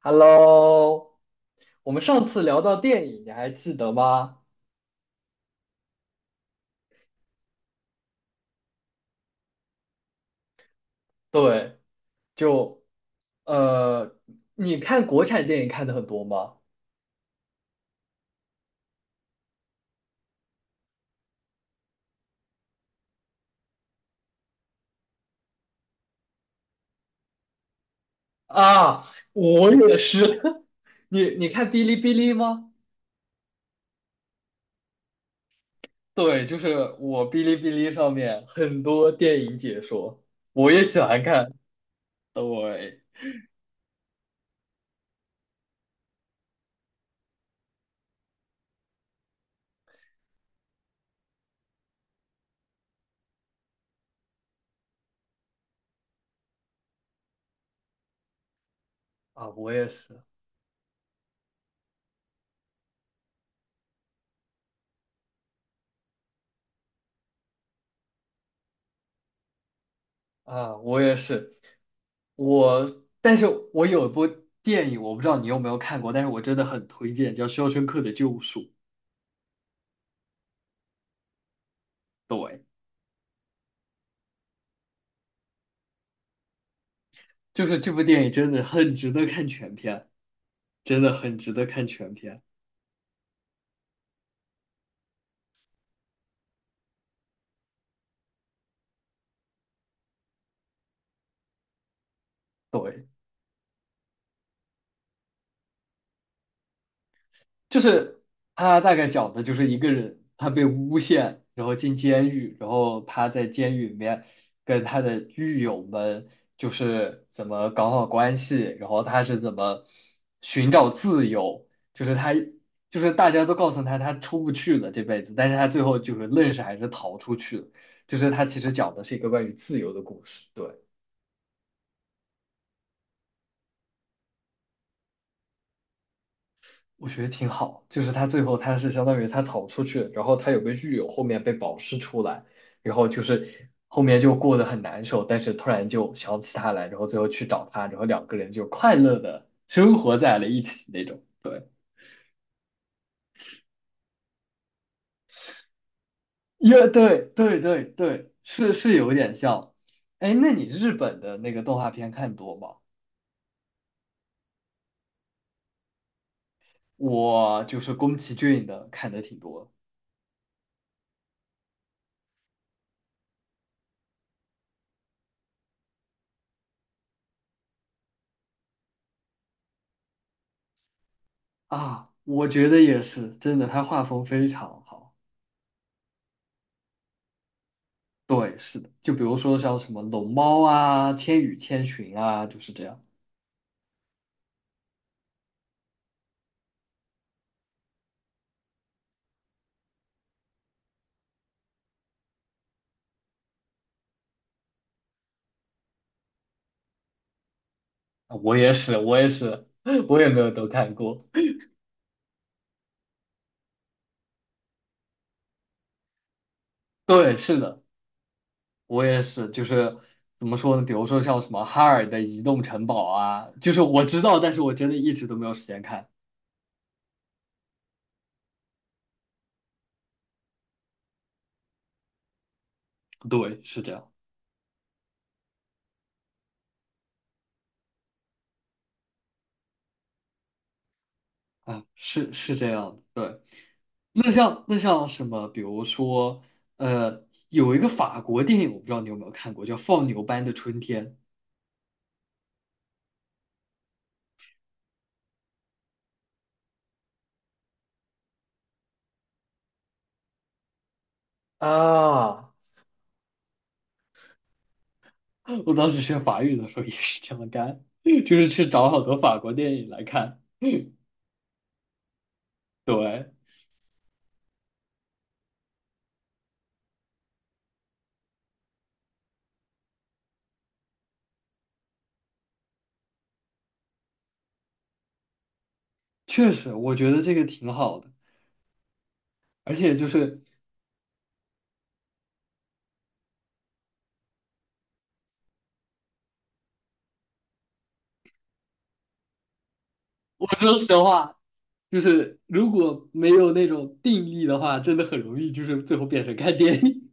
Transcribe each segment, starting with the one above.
Hello，我们上次聊到电影，你还记得吗？对，就呃，你看国产电影看的很多吗？啊，我也是。你看哔哩哔哩吗？对，就是我哔哩哔哩上面很多电影解说，我也喜欢看。对，啊，我也是，啊，我也是。但是我有一部电影，我不知道你有没有看过，但是我真的很推荐，叫《肖申克的救赎》。对，就是这部电影真的很值得看全片，真的很值得看全片。对，就是他大概讲的就是一个人，他被诬陷，然后进监狱，然后他在监狱里面跟他的狱友们就是怎么搞好关系，然后他是怎么寻找自由，就是他就是大家都告诉他他出不去了这辈子，但是他最后就是愣是还是逃出去了，就是他其实讲的是一个关于自由的故事，对。我觉得挺好，就是他最后他是相当于他逃出去，然后他有个狱友后面被保释出来，然后就是后面就过得很难受，但是突然就想起他来，然后最后去找他，然后两个人就快乐的生活在了一起那种。对，也对对对对，是有点像。哎，那你日本的那个动画片看多吗？我就是宫崎骏的看的挺多啊，我觉得也是，真的，他画风非常好。对，是的，就比如说像什么龙猫啊、千与千寻啊，就是这样。啊我也是，我也是，我也没有都看过。对，是的，我也是，就是怎么说呢？比如说像什么哈尔的移动城堡啊，就是我知道，但是我真的一直都没有时间看。对，是这样啊，是这样的，对。那像什么，比如说，呃，有一个法国电影，我不知道你有没有看过，叫《放牛班的春天》。啊，我当时学法语的时候也是这么干，就是去找好多法国电影来看。对，确实，我觉得这个挺好的。而且就是，我说实话，就是如果没有那种定力的话，真的很容易就是最后变成看电影。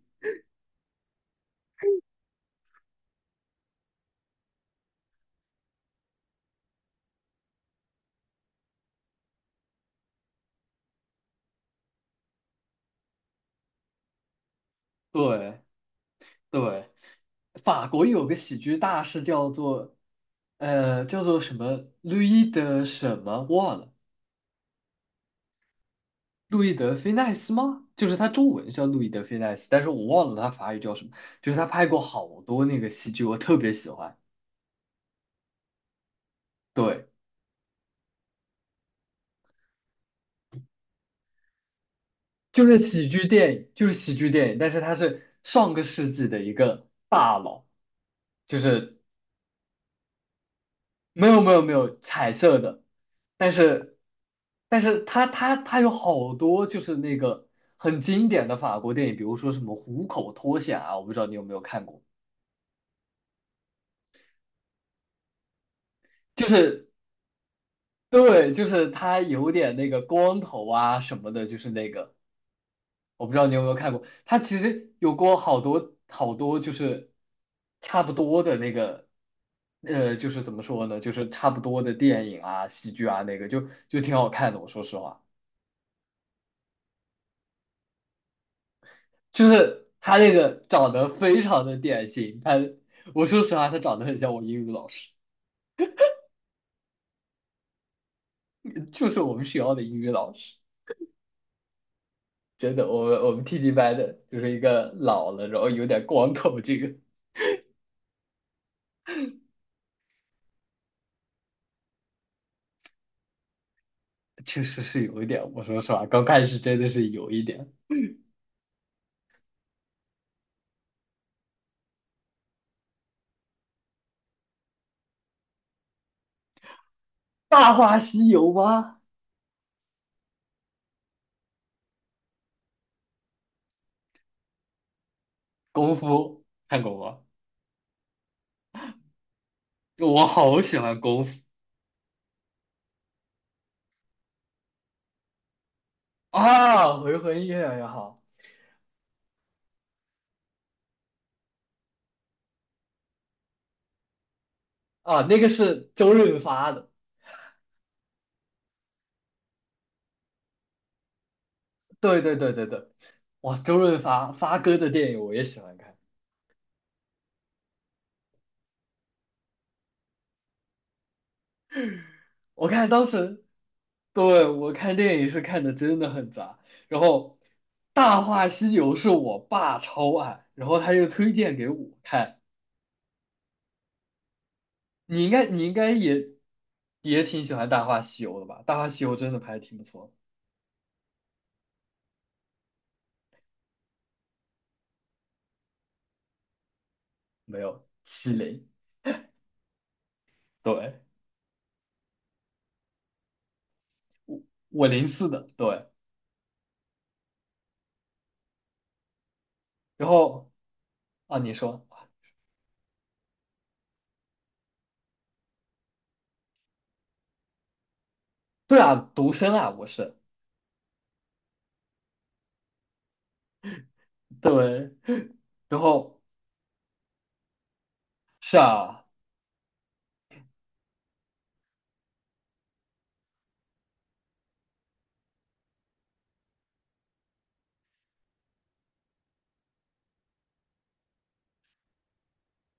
对对，法国有个喜剧大师叫做什么 l o u 的什么忘了。路易德菲奈斯吗？就是他中文叫路易德菲奈斯，但是我忘了他法语叫什么。就是他拍过好多那个喜剧，我特别喜欢。对，就是喜剧电影，就是喜剧电影，但是他是上个世纪的一个大佬，就是没有没有没有彩色的，但是但是他有好多就是那个很经典的法国电影，比如说什么《虎口脱险》啊，我不知道你有没有看过，就是对，就是他有点那个光头啊什么的，就是那个，我不知道你有没有看过，他其实有过好多好多就是差不多的那个，就是怎么说呢，就是差不多的电影啊、喜剧啊，那个就挺好看的。我说实话，就是他那个长得非常的典型，他我说实话，他长得很像我英语老师，就是我们学校的英语老师。真的，我们 TG 班的就是一个老了，然后有点光头这个。确实是有一点。我说实话，刚开始真的是有一点。《大话西游》吗？功夫看过吗？我好喜欢功夫啊，回魂夜也好啊，那个是周润发的。对对对对对，哇，周润发发哥的电影我也喜欢看。我看当时，对，我看电影是看的真的很杂。然后《大话西游》是我爸超爱，然后他就推荐给我看。你应该也挺喜欢《大话西游》的吧？《大话西游》真的拍的挺不错，没有七零，对，我零四的，对，然后啊，你说对啊，独生啊，我是对，然后是啊，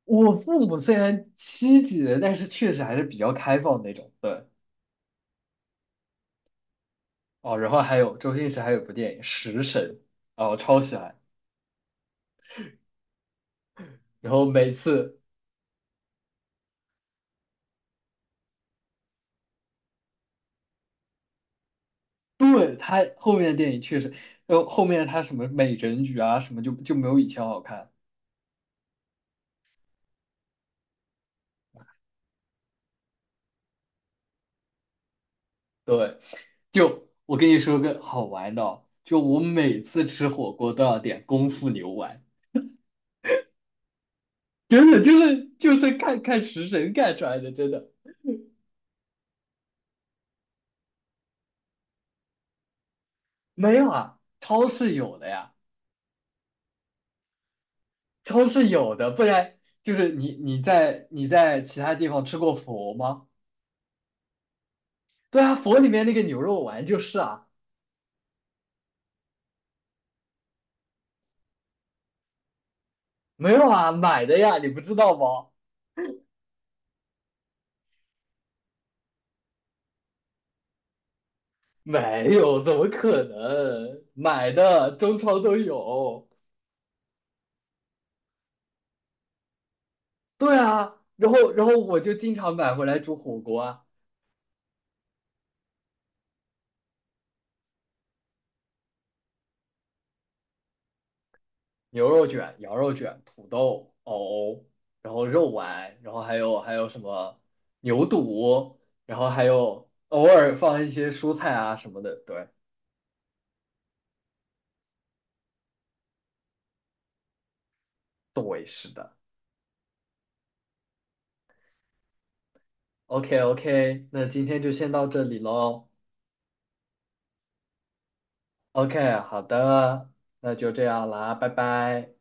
我父母虽然七几的，但是确实还是比较开放的那种，对哦，然后还有周星驰还有部电影《食神》，哦，超喜欢，然后每次对，他后面的电影确实，后面他什么美人鱼啊什么就没有以前好看。对，就我跟你说个好玩的哦就我每次吃火锅都要点功夫牛丸，真的就是看看食神干出来的，真的没有啊，超市有的呀，超市有的，不然就是你在其他地方吃过佛吗？对啊，佛里面那个牛肉丸就是啊，没有啊，买的呀，你不知道吗？没有，怎么可能？买的，中超都有。对啊，然后我就经常买回来煮火锅啊，牛肉卷、羊肉卷、土豆、藕，然后肉丸，然后还有什么牛肚，然后还有偶尔放一些蔬菜啊什么的。对，对，是的。OK OK，那今天就先到这里喽。OK，好的，那就这样啦，拜拜。